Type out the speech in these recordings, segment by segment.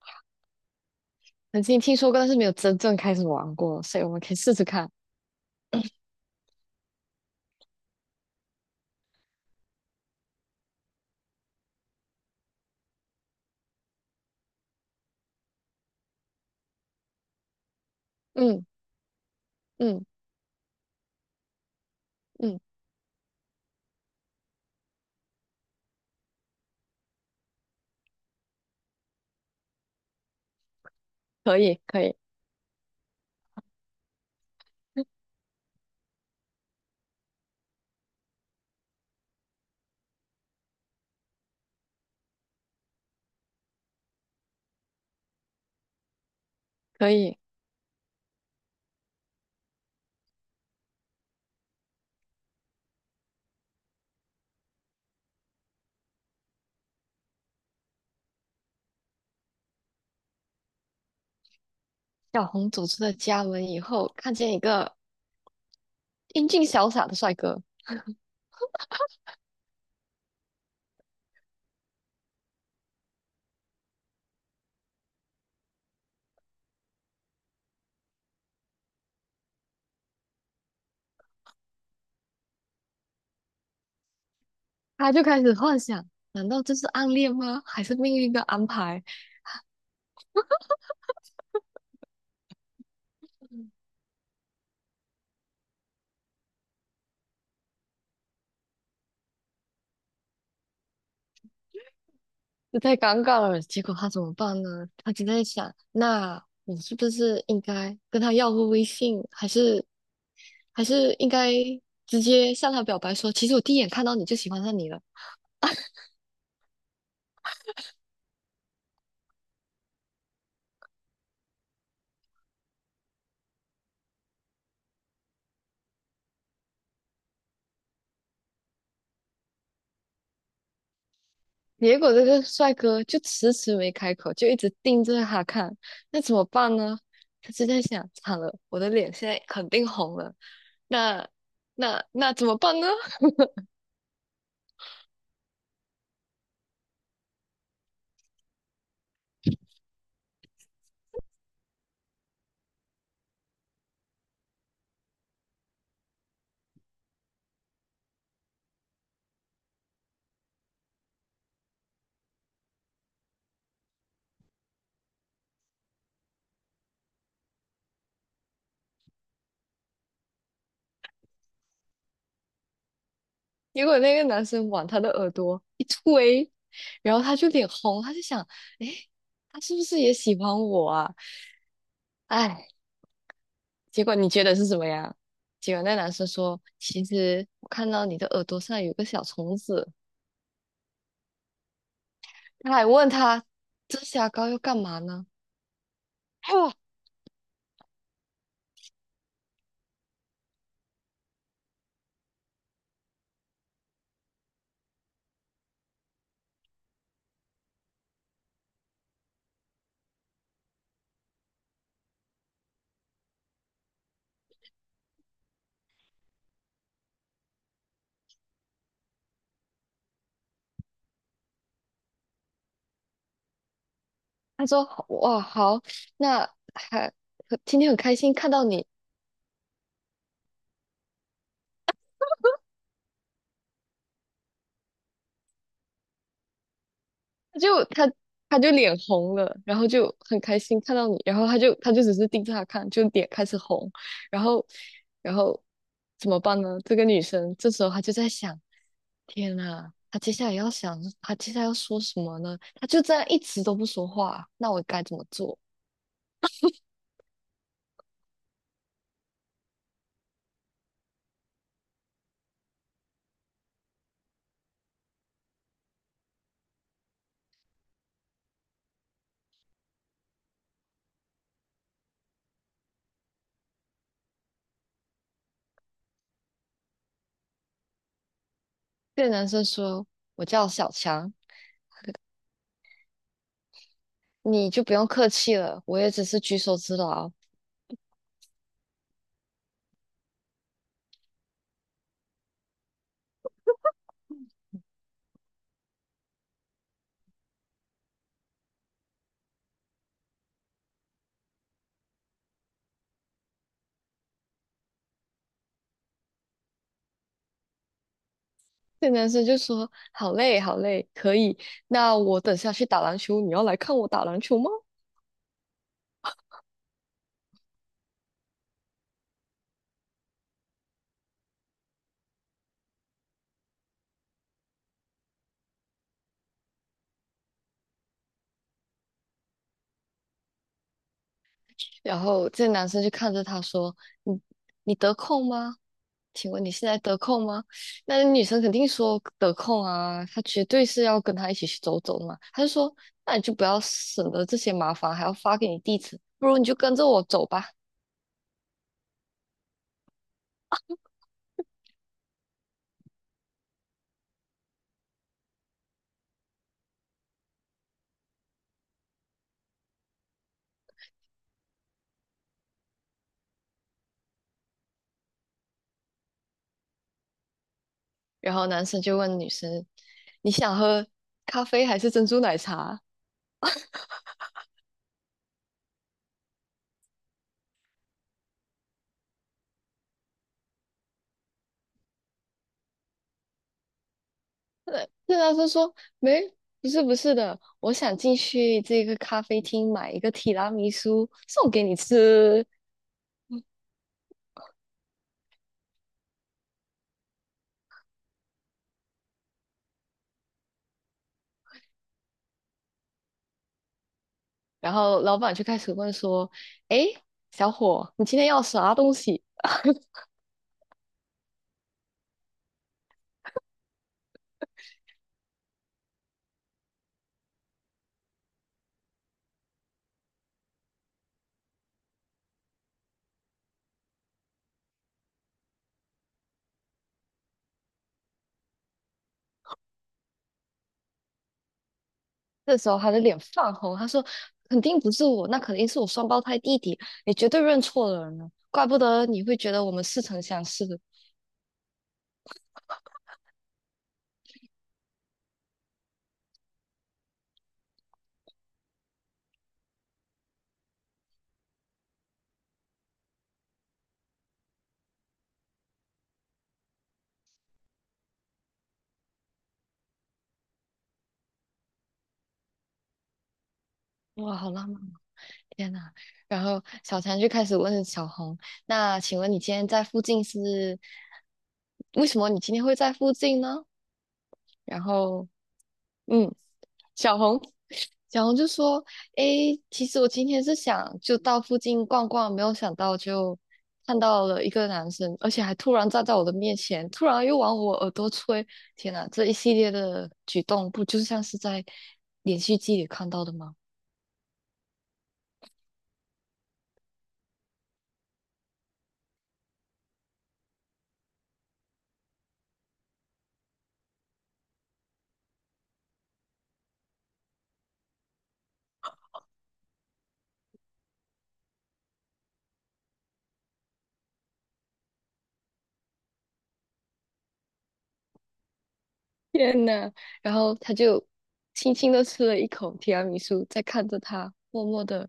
曾经听说过，但是没有真正开始玩过，所以我们可以试试看。嗯嗯嗯，可以，可以，可以。小红走出了家门以后，看见一个英俊潇洒的帅哥，他就开始幻想：难道这是暗恋吗？还是命运的安排？这太尴尬了。结果他怎么办呢？他就在想：那我是不是应该跟他要个微信，还是应该直接向他表白说，其实我第一眼看到你就喜欢上你了？结果这个帅哥就迟迟没开口，就一直盯着他看，那怎么办呢？他就在想，惨了，我的脸现在肯定红了，那那怎么办呢？结果那个男生往他的耳朵一推，然后他就脸红，他就想，诶，他是不是也喜欢我啊？哎，结果你觉得是什么呀？结果那男生说，其实我看到你的耳朵上有个小虫子，他还问他，遮瑕膏要干嘛呢？哦，他说哇好，那还今天很开心看到你，他就他他就脸红了，然后就很开心看到你，然后他就只是盯着他看，就脸开始红，然后然后怎么办呢？这个女生这时候她就在想，天呐，她接下来要说什么呢？她就这样一直都不说话，那我该怎么做？这个男生说，我叫小强，你就不用客气了，我也只是举手之劳。这男生就说：“好累，好累，可以。那我等下去打篮球，你要来看我打篮球吗？”然后这男生就看着他说：“你你得空吗？请问你现在得空吗？”那女生肯定说得空啊，她绝对是要跟他一起去走走的嘛。他就说：“那你就不要省得这些麻烦，还要发给你地址，不如你就跟着我走吧。”然后男生就问女生：“你想喝咖啡还是珍珠奶茶？”对啊，他说没，不是的，我想进去这个咖啡厅买一个提拉米苏送给你吃。然后老板就开始问说：“哎，小伙，你今天要啥东西？”这时候他的脸泛红，他说：“肯定不是我，那肯定是我双胞胎弟弟，你绝对认错了人了，怪不得你会觉得我们似曾相识。”哇，好浪漫。天呐，然后小强就开始问小红：“那请问你今天在附近是为什么？你今天会在附近呢？”然后，嗯，小红小红就说：“诶，其实我今天是想就到附近逛逛，没有想到就看到了一个男生，而且还突然站在我的面前，突然又往我耳朵吹。天呐，这一系列的举动，不就像是在连续剧里看到的吗？” 天呐，然后他就轻轻的吃了一口提拉米苏，在看着他，默默的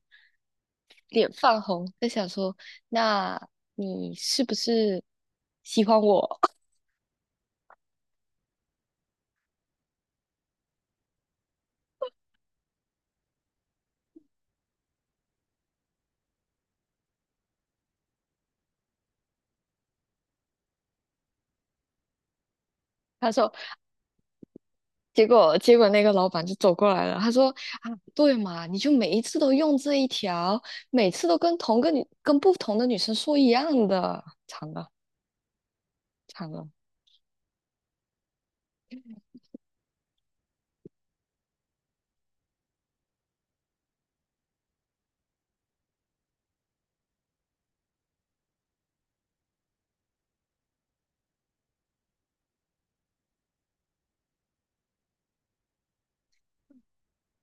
脸泛红，在想说：“那你是不是喜欢我？” 他说，结果那个老板就走过来了，他说：“啊，对嘛，你就每一次都用这一条，每次都跟同个女跟不同的女生说一样的，惨了。”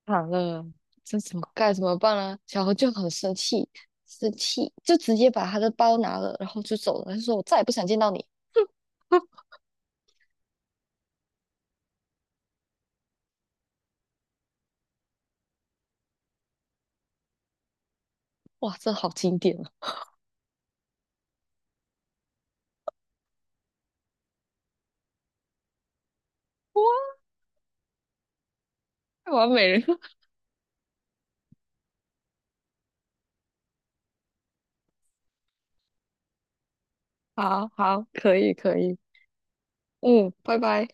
惨了，这怎么该怎么办呢？小何就很生气，生气就直接把他的包拿了，然后就走了。他说：“我再也不想见到你。哇，这好经典啊！哇，完美了，好好，可以可以，嗯，拜拜。